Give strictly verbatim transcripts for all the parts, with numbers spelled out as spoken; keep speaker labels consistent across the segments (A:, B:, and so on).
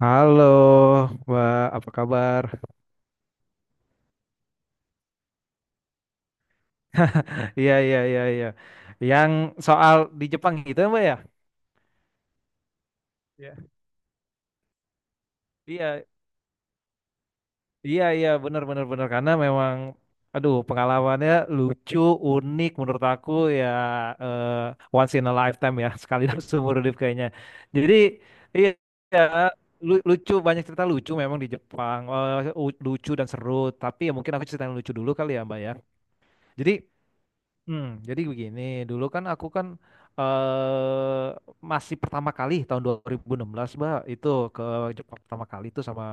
A: Halo, Mbak, apa kabar? Iya, iya, iya, iya. Yang soal di Jepang gitu, ya, Mbak ya? Iya. Iya, iya, iya, benar, benar, benar. Karena memang, aduh, pengalamannya lucu, unik menurut aku ya, eh, once in a lifetime ya, sekali dalam seumur hidup kayaknya. Jadi, iya, iya, lu- lucu, banyak cerita lucu memang di Jepang. Eh, u- lucu dan seru. Tapi ya mungkin aku cerita yang lucu dulu kali ya, Mbak ya. Jadi, Hmm, jadi begini, dulu kan aku kan eh masih pertama kali tahun dua ribu enam belas, Mbak, itu ke Jepang pertama kali itu sama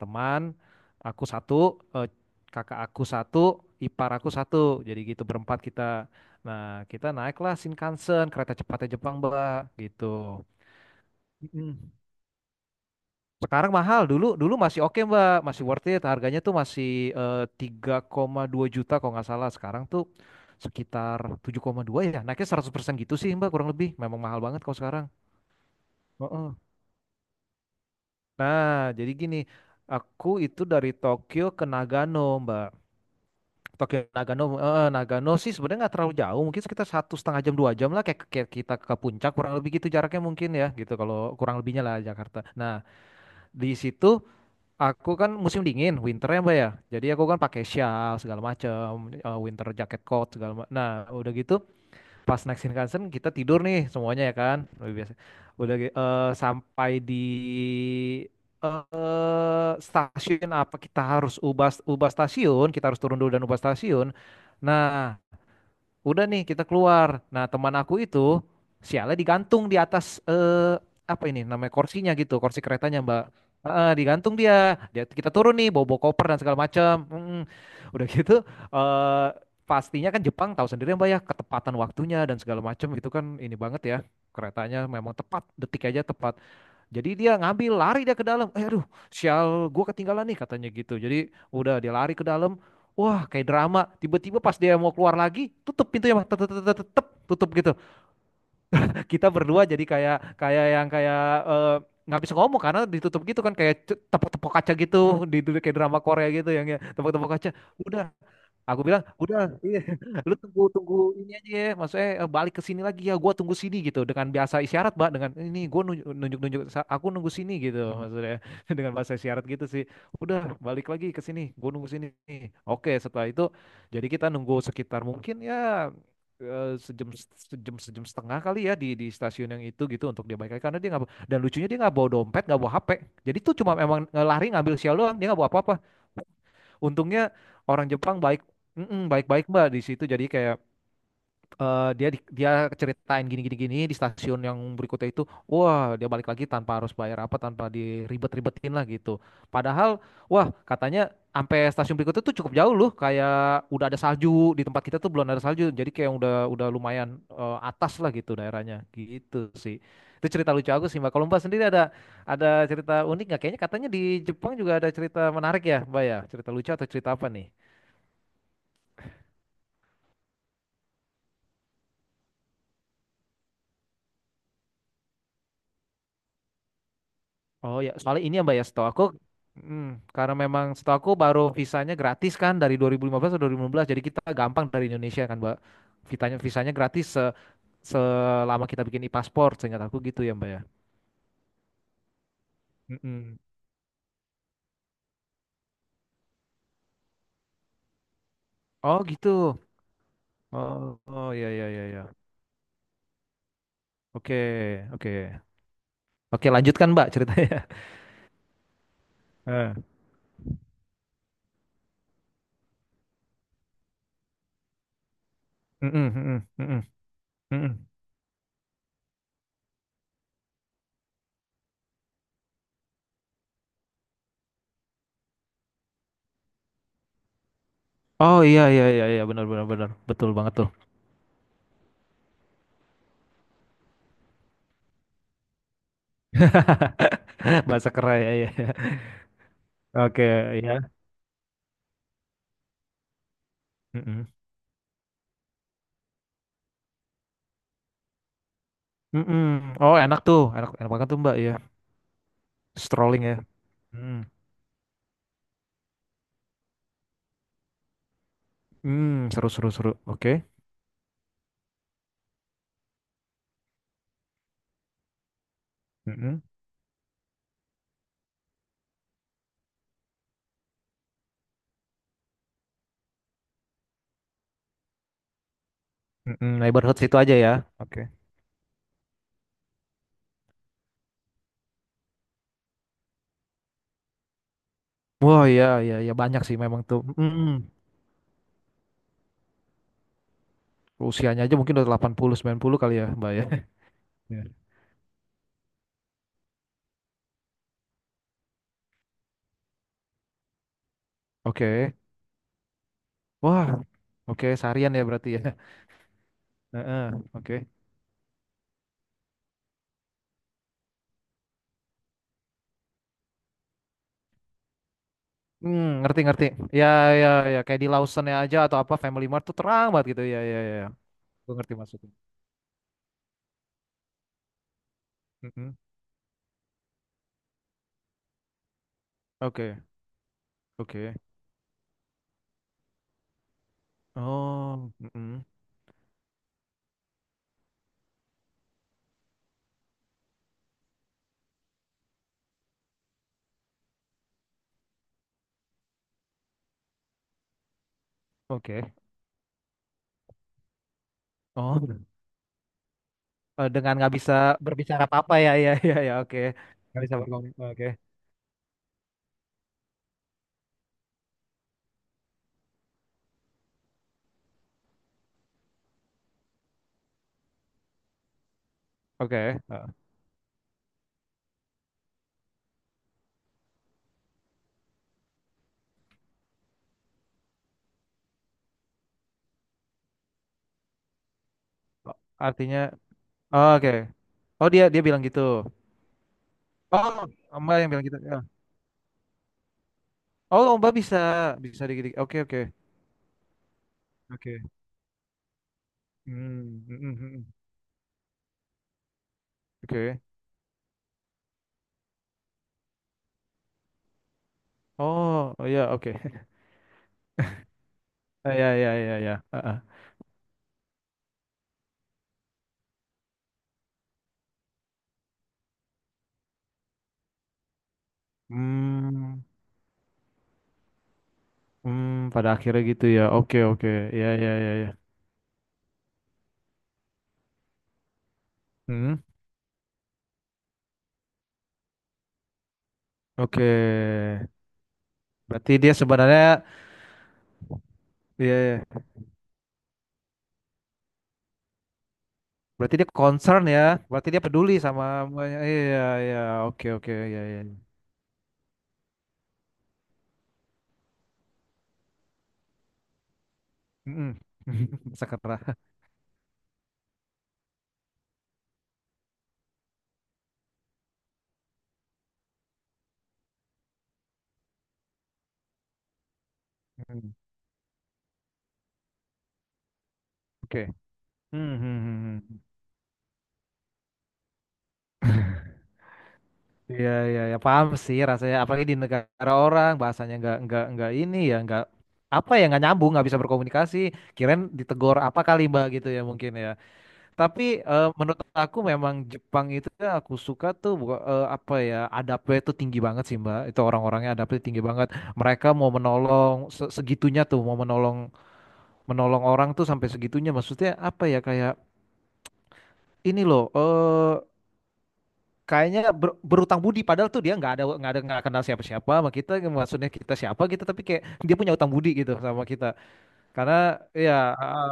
A: teman aku satu, eh, kakak aku satu, ipar aku satu. Jadi gitu berempat kita. Nah, kita naiklah Shinkansen, kereta cepatnya Jepang, Mbak, gitu. Mm-mm. Sekarang mahal, dulu dulu masih oke Mbak, masih worth it. Harganya tuh masih eh, tiga koma dua juta kalau nggak salah. Sekarang tuh sekitar tujuh koma dua ya. Naiknya seratus persen gitu sih Mbak kurang lebih. Memang mahal banget kalau sekarang. Heeh. Nah, jadi gini, aku itu dari Tokyo ke Nagano Mbak. Tokyo Nagano, eh, Nagano sih sebenarnya nggak terlalu jauh. Mungkin sekitar satu setengah jam dua jam lah, kayak, kayak kita ke puncak kurang lebih gitu jaraknya, mungkin ya gitu kalau kurang lebihnya lah Jakarta. Nah, di situ. Aku kan musim dingin, winter ya Mbak ya. Jadi aku kan pakai shawl segala macam, eh, winter jacket coat segala macam. Nah, udah gitu pas naik Shinkansen kita tidur nih semuanya ya kan. Lebih biasa. Udah gi- eh, sampai di eh stasiun apa, kita harus ubah ubah stasiun, kita harus turun dulu dan ubah stasiun. Nah, udah nih kita keluar. Nah, teman aku itu sialnya digantung di atas, eh, apa ini namanya, kursinya gitu, kursi keretanya Mbak. Heeh, digantung dia. Dia kita turun nih, bawa, bawa koper dan segala macam. Mm-mm. Udah gitu eh pastinya kan Jepang tahu sendiri Mbak ya, ketepatan waktunya dan segala macam itu kan ini banget ya. Keretanya memang tepat, detik aja tepat. Jadi dia ngambil lari dia ke dalam. Eh, aduh, sial, gua ketinggalan nih katanya gitu. Jadi udah dia lari ke dalam. Wah, kayak drama. Tiba-tiba pas dia mau keluar lagi, tutup pintunya, Bang. Tetep, tetep, tet, Tutup gitu. Kita berdua jadi kayak kayak yang kayak, eh, nggak bisa ngomong karena ditutup gitu kan, kayak ce- tepok-tepok kaca gitu, di di- kayak drama Korea gitu yang ya, tepok-tepok kaca. Udah aku bilang, udah, iya, lu tunggu tunggu ini aja ya, maksudnya eh, balik ke sini lagi ya, gua tunggu sini gitu dengan bahasa isyarat, Mbak, dengan ini gua nunjuk nunjuk, aku nunggu sini gitu maksudnya, dengan bahasa isyarat gitu sih. Udah, balik lagi ke sini, gua nunggu sini. Oke, setelah itu jadi kita nunggu sekitar mungkin ya, eh, sejam sejam sejam setengah kali ya di di stasiun yang itu gitu untuk dia balik lagi, karena dia nggak, dan lucunya dia nggak bawa dompet, nggak bawa H P, jadi tuh cuma emang lari ngambil sial doang, dia nggak bawa apa-apa. Untungnya orang Jepang baik. Mm-mm, baik-baik Mbak di situ. Jadi kayak, eh, dia di- dia ceritain gini gini gini, di stasiun yang berikutnya itu wah dia balik lagi tanpa harus bayar apa, tanpa diribet-ribetin lah gitu. Padahal wah katanya sampai stasiun berikutnya tuh cukup jauh loh, kayak udah ada salju. Di tempat kita tuh belum ada salju, jadi kayak udah udah lumayan, eh, atas lah gitu daerahnya gitu sih. Itu cerita lucu aku sih Mbak. Kalau Mbak sendiri ada ada cerita unik nggak? Kayaknya katanya di Jepang juga ada cerita menarik ya Mbak ya, cerita lucu atau cerita apa nih? Oh ya, soalnya ini ya Mbak ya, setahu aku, hmm, karena memang setahu aku baru visanya gratis kan dari dua ribu lima belas atau dua ribu enam belas. Jadi kita gampang dari Indonesia kan Mbak. Vitanya visanya gratis se- selama kita bikin e-paspor, seingat aku gitu ya Mbak ya. Mm-mm. Oh gitu. Oh, oh ya ya ya ya. Oke, oke. Oke, lanjutkan Mbak ceritanya. Eh, mm-mm, mm-mm, mm-mm, mm-mm. Oh iya iya iya iya, benar benar benar. Betul banget tuh. Bahasa keren ya ya. Oke, ya. Mm-mm. Oh enak tuh, enak enak banget tuh Mbak ya, strolling ya. Mm. Mm, seru seru seru. Oke. Mm-mm. Mm-mm, neighborhood situ aja ya. Oke. Wah iya iya iya, banyak sih memang tuh. Mm-mm. Usianya aja mungkin udah delapan puluh sembilan puluh kali ya Mbak ya. Iya. Oke. Wah. Oke, seharian ya berarti ya. Heeh, oke. Hmm, ngerti ngerti. Ya ya ya, kayak di Lawson ya aja atau apa Family Mart tuh terang banget gitu. Ya ya ya. Gue ngerti maksudnya. Mm-mm. Oke. Oke. Oh, mm-mm. Oke. Oh, eh, dengan nggak bisa berbicara apa-apa ya, ya, ya, ya, oke, nggak bisa berkomunikasi, oke, oke. Eh, Artinya, oh, oke, oh dia dia bilang gitu, oh Mbak yang bilang gitu, ya. Oh Mbak bisa bisa dikit, oke, oke, oke. Hmm, mm, mm, mm, oke, oh, oh ya, oke, eh, ya, ya, ya, ya, eh, eh. Hmm, hmm, pada akhirnya gitu ya, oke, oke, ya, ya, ya, ya, hmm, oke, berarti dia sebenarnya, ya, ya. Berarti dia concern ya. Berarti dia peduli sama iya iya oke oke iya iya. Mm-mm. Sakra. Mm. Oke. Hmm, hmm, hmm, hmm. Iya iya ya, paham sih rasanya, apalagi di negara orang, bahasanya nggak nggak nggak ini ya, nggak apa ya, nggak nyambung, nggak bisa berkomunikasi, kirain ditegor apa kali Mbak gitu ya mungkin ya. Tapi eh, menurut aku memang Jepang itu yang aku suka tuh, buka- eh, apa ya, adabnya itu tinggi banget sih Mbak. Itu orang-orangnya adabnya tinggi banget. Mereka mau menolong, se- segitunya tuh mau menolong, menolong orang tuh sampai segitunya. Maksudnya apa ya kayak ini loh eh kayaknya ber- berutang budi, padahal tuh dia nggak ada, nggak ada, nggak kenal siapa-siapa sama kita. Maksudnya kita siapa gitu, tapi kayak dia punya utang budi gitu sama kita. Karena ya, heeh.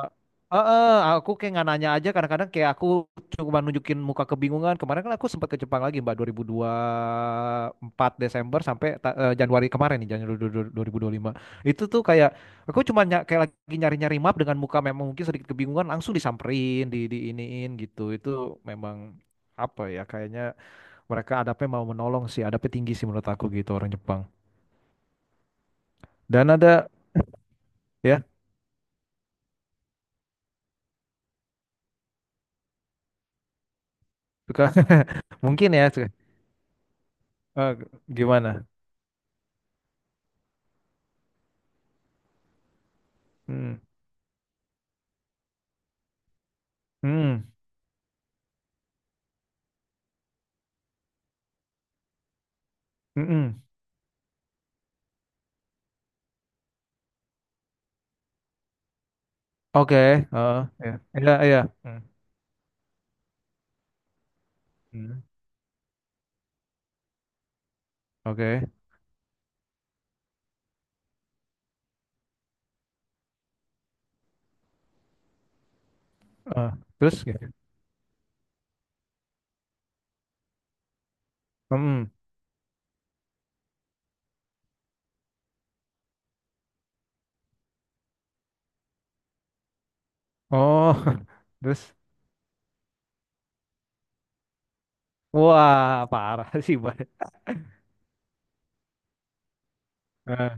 A: Heeh, aku kayak nggak nanya aja kadang-kadang, kayak aku cuma nunjukin muka kebingungan. Kemarin kan aku sempat ke Jepang lagi Mbak, dua ribu dua ribu empat Desember sampai ta- eh, Januari kemarin nih, Januari dua dua ribu dua puluh lima. Itu tuh kayak aku cuma ny- kayak lagi nyari-nyari map dengan muka memang mungkin sedikit kebingungan, langsung disamperin, di diiniin gitu. Itu memang apa ya kayaknya mereka adabnya mau menolong sih, adabnya tinggi sih menurut aku gitu orang Jepang. Dan ada ya suka mungkin ya suka- eh, gimana? Hmm. Hmm. Mm-mm. Oke. Heeh. Ya. Iya, iya. Hmm. Hmm. Oke. Eh, terus gitu. Hmm. Oh, terus wah, parah sih, Bang. Eh,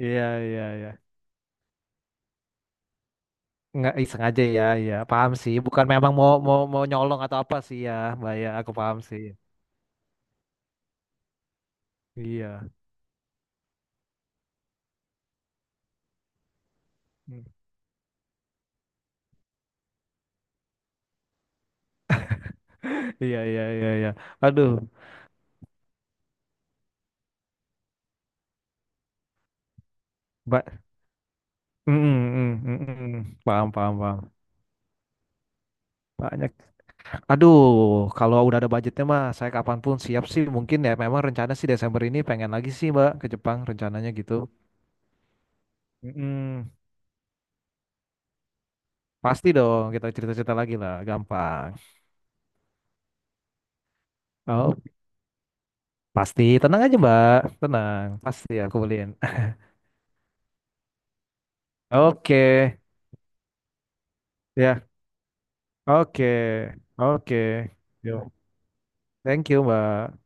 A: iya, iya, iya. Nggak ih, sengaja ya, ya. Paham sih, bukan memang mau mau mau nyolong atau apa sih ya, Mbak ya. Aku paham sih. Iya. Hmm. Iya, iya, iya, iya. Aduh, Mbak. Mm, mm, mm, mm, mm. Paham, paham, paham. Banyak aduh, kalau udah ada budgetnya mah saya kapanpun siap sih. Mungkin ya memang rencana sih Desember ini pengen lagi sih Mbak ke Jepang rencananya gitu. Mm-mm. Pasti dong, kita cerita-cerita lagi lah, gampang. Oh, pasti. Tenang aja Mbak, tenang. Pasti aku beliin. Oke, ya. Oke, oke. Yo. Thank you Mbak.